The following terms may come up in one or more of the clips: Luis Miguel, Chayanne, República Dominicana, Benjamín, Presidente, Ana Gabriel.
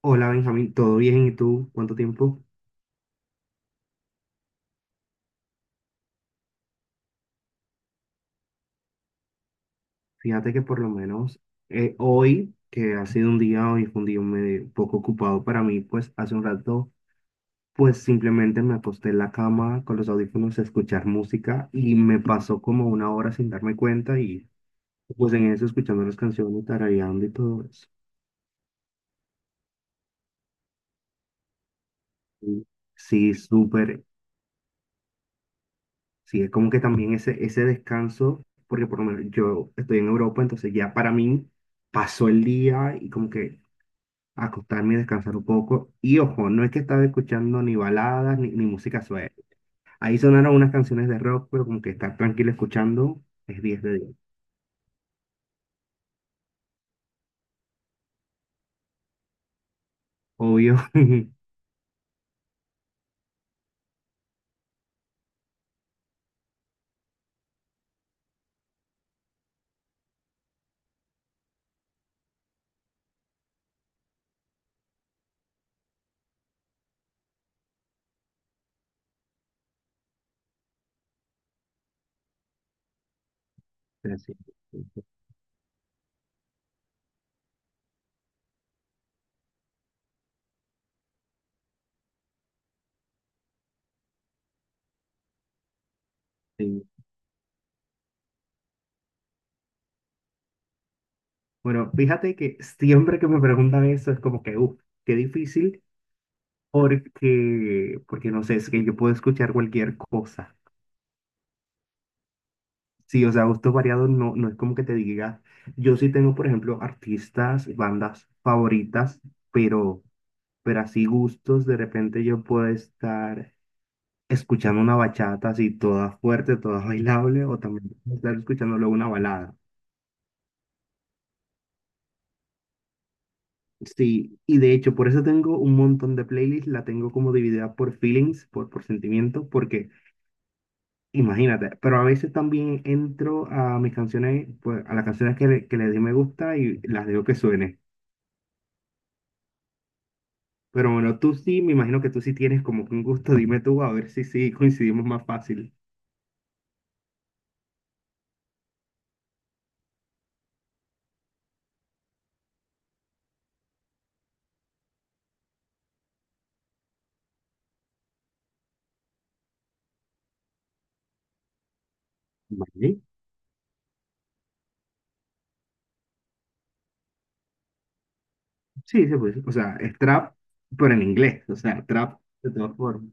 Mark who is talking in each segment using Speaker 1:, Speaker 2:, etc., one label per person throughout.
Speaker 1: Hola Benjamín, ¿todo bien? ¿Y tú? ¿Cuánto tiempo? Fíjate que por lo menos hoy, que ha sido un día, hoy fue un día medio poco ocupado para mí, pues hace un rato, pues simplemente me acosté en la cama con los audífonos a escuchar música y me pasó como una hora sin darme cuenta y pues en eso escuchando las canciones, tarareando y todo eso. Y Sí, súper. Sí, es como que también ese descanso, porque por lo menos yo estoy en Europa, entonces ya para mí pasó el día y como que acostarme y descansar un poco. Y ojo, no es que estaba escuchando ni baladas ni música suave. Ahí sonaron unas canciones de rock, pero como que estar tranquilo escuchando es 10 de 10. Obvio. Pero sí, sí, sí. Bueno, fíjate que siempre que me preguntan eso es como que, uff, qué difícil, porque no sé, es que yo puedo escuchar cualquier cosa. Sí, o sea, gustos variados no, no es como que te diga. Yo sí tengo, por ejemplo, artistas, bandas favoritas, pero. pero así gustos, de repente yo puedo estar escuchando una bachata así toda fuerte, toda bailable, o también puedo estar escuchando luego una balada. Sí, y de hecho por eso tengo un montón de playlists, la tengo como dividida por feelings, por sentimientos, porque imagínate, pero a veces también entro a mis canciones, pues a las canciones que le di me gusta y las dejo que suene. Pero bueno, tú sí, me imagino que tú sí tienes como que un gusto, dime tú, a ver si sí coincidimos más fácil. Vale. Sí, se puede decir. O sea, es trap, pero en inglés. O sea, trap de todas formas.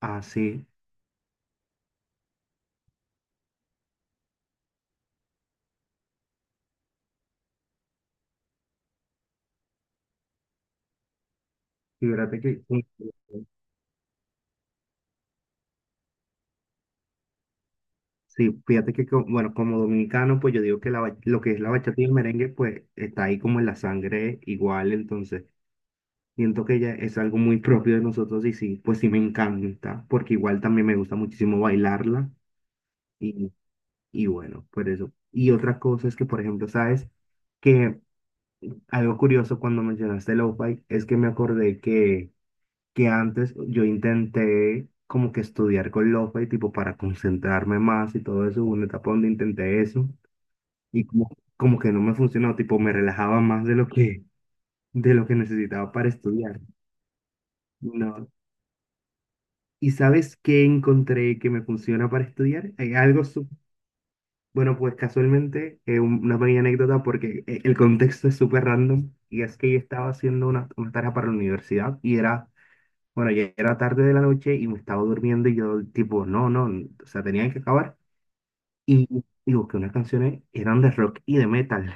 Speaker 1: Ah, sí. Fíjate que, sí, sí, bueno, como dominicano, pues yo digo que lo que es la bachata y el merengue, pues está ahí como en la sangre igual. Entonces, siento que ya es algo muy propio de nosotros y sí, pues sí me encanta, porque igual también me gusta muchísimo bailarla. Y, y bueno, por eso. Y otra cosa es que, por ejemplo, sabes que algo curioso cuando mencionaste lo-fi es que me acordé que antes yo intenté como que estudiar con Lofa y tipo para concentrarme más y todo eso, hubo una etapa donde intenté eso y como que no me funcionó, tipo me relajaba más de lo que necesitaba para estudiar. No. ¿Y sabes qué encontré que me funciona para estudiar? Hay algo, bueno, pues casualmente, una pequeña anécdota porque el contexto es súper random y es que yo estaba haciendo una tarea para la universidad y era bueno, ya era tarde de la noche y me estaba durmiendo y yo tipo, no, no, o sea, tenían que acabar. Y busqué unas canciones, eran de rock y de metal.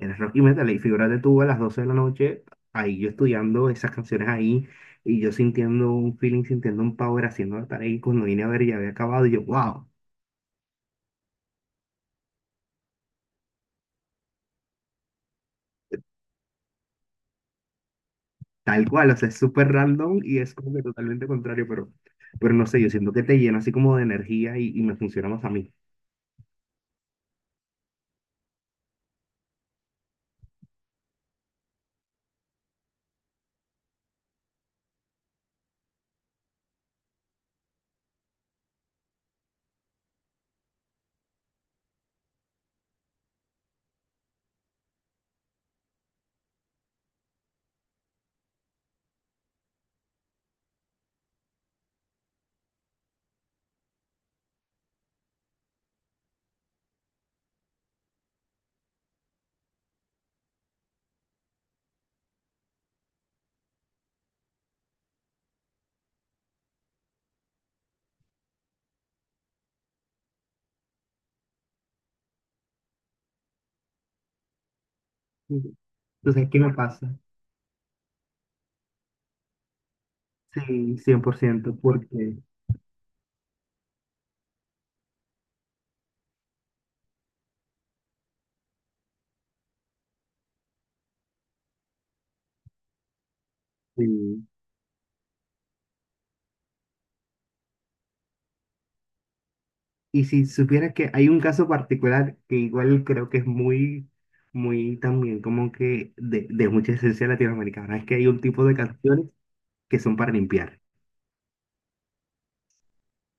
Speaker 1: Era rock y metal. Y figúrate tú a las 12 de la noche, ahí yo estudiando esas canciones ahí y yo sintiendo un feeling, sintiendo un power, haciendo la tarea. Y cuando vine a ver ya había acabado y yo, wow, tal cual, o sea, es súper random y es como que totalmente contrario, pero no sé, yo siento que te llena así como de energía y me funciona más a mí. Ujú. Entonces, ¿qué me pasa? Sí, 100% porque sí. Y si supieras que hay un caso particular que igual creo que es muy, muy también como que de mucha esencia latinoamericana, es que hay un tipo de canciones que son para limpiar.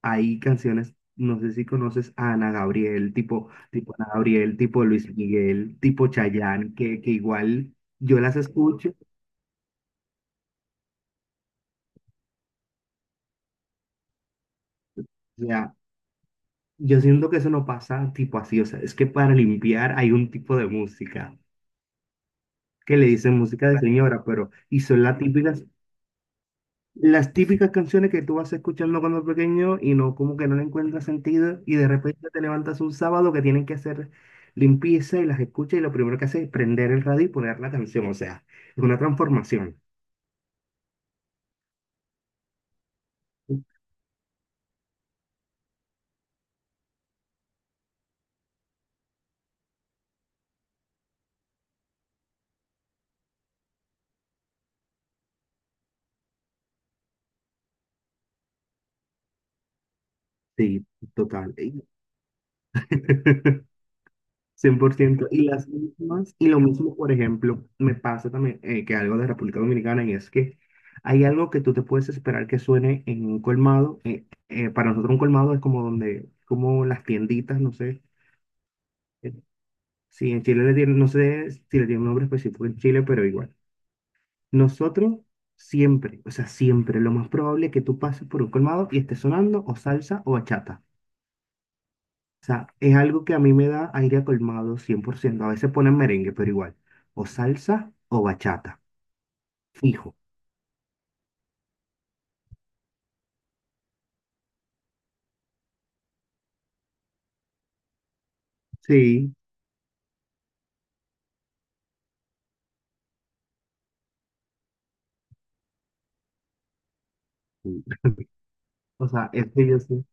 Speaker 1: Hay canciones, no sé si conoces a Ana Gabriel, tipo Ana Gabriel, tipo Luis Miguel, tipo Chayanne, que igual yo las escucho, o sea, yo siento que eso no pasa tipo así, o sea, es que para limpiar hay un tipo de música que le dicen música de señora, pero y son las típicas canciones que tú vas escuchando cuando pequeño y no, como que no le encuentras sentido y de repente te levantas un sábado que tienen que hacer limpieza y las escuchas y lo primero que haces es prender el radio y poner la canción, o sea, es una transformación. Sí, total. 100%. Y las mismas, y lo mismo, por ejemplo, me pasa también que algo de República Dominicana y es que hay algo que tú te puedes esperar que suene en un colmado. Para nosotros un colmado es como donde, como las tienditas, no sé. Sí, en Chile le tienen, no sé si le tiene un nombre específico en Chile, pero igual. Nosotros siempre, o sea, siempre, lo más probable es que tú pases por un colmado y esté sonando o salsa o bachata. O sea, es algo que a mí me da aire a colmado 100%. A veces ponen merengue, pero igual. O salsa o bachata. Fijo. Sí. Sí. O sea, es que yo sí.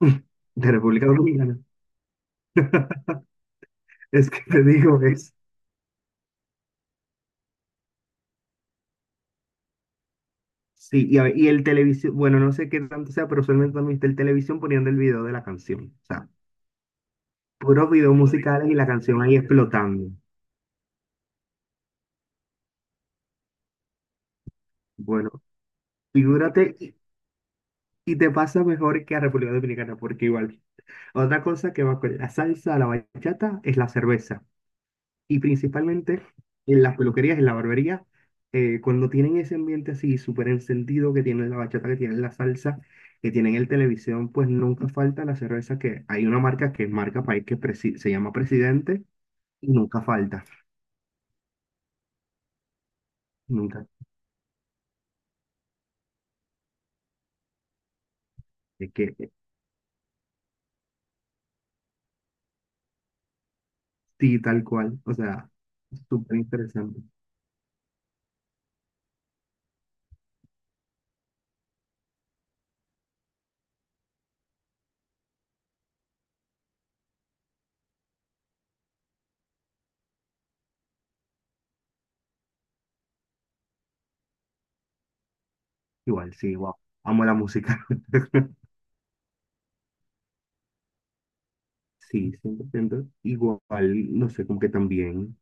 Speaker 1: De República Dominicana. Es que te digo, es Sí, y, a ver, y el televisión, bueno, no sé qué tanto sea, pero usualmente también está el televisión poniendo el video de la canción. O sea, puros videos musicales y la canción ahí explotando. Bueno, figúrate, y te pasa mejor que a República Dominicana, porque igual, otra cosa que va con la salsa, la bachata, es la cerveza. Y principalmente en las peluquerías, en la barbería, cuando tienen ese ambiente así súper encendido, que tienen la bachata, que tienen la salsa, que tienen el televisión, pues nunca falta la cerveza, que hay una marca que es marca país que se llama Presidente y nunca falta, nunca. Es que sí, tal cual, o sea, súper interesante. Igual, sí, wow, amo la música. Sí, 100%. Igual, no sé, como que también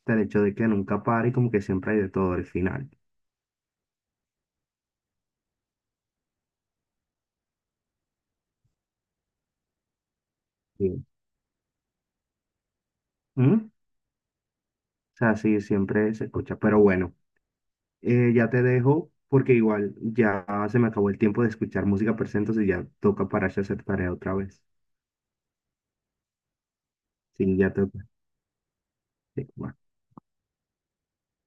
Speaker 1: está el hecho de que nunca pare y como que siempre hay de todo al final. Sí. ¿Mm? O sea, sí, siempre se escucha. Pero bueno, ya te dejo porque igual ya se me acabó el tiempo de escuchar música, pero entonces ya toca pararse a hacer tarea otra vez. Sí, ya toca. Sí, bye.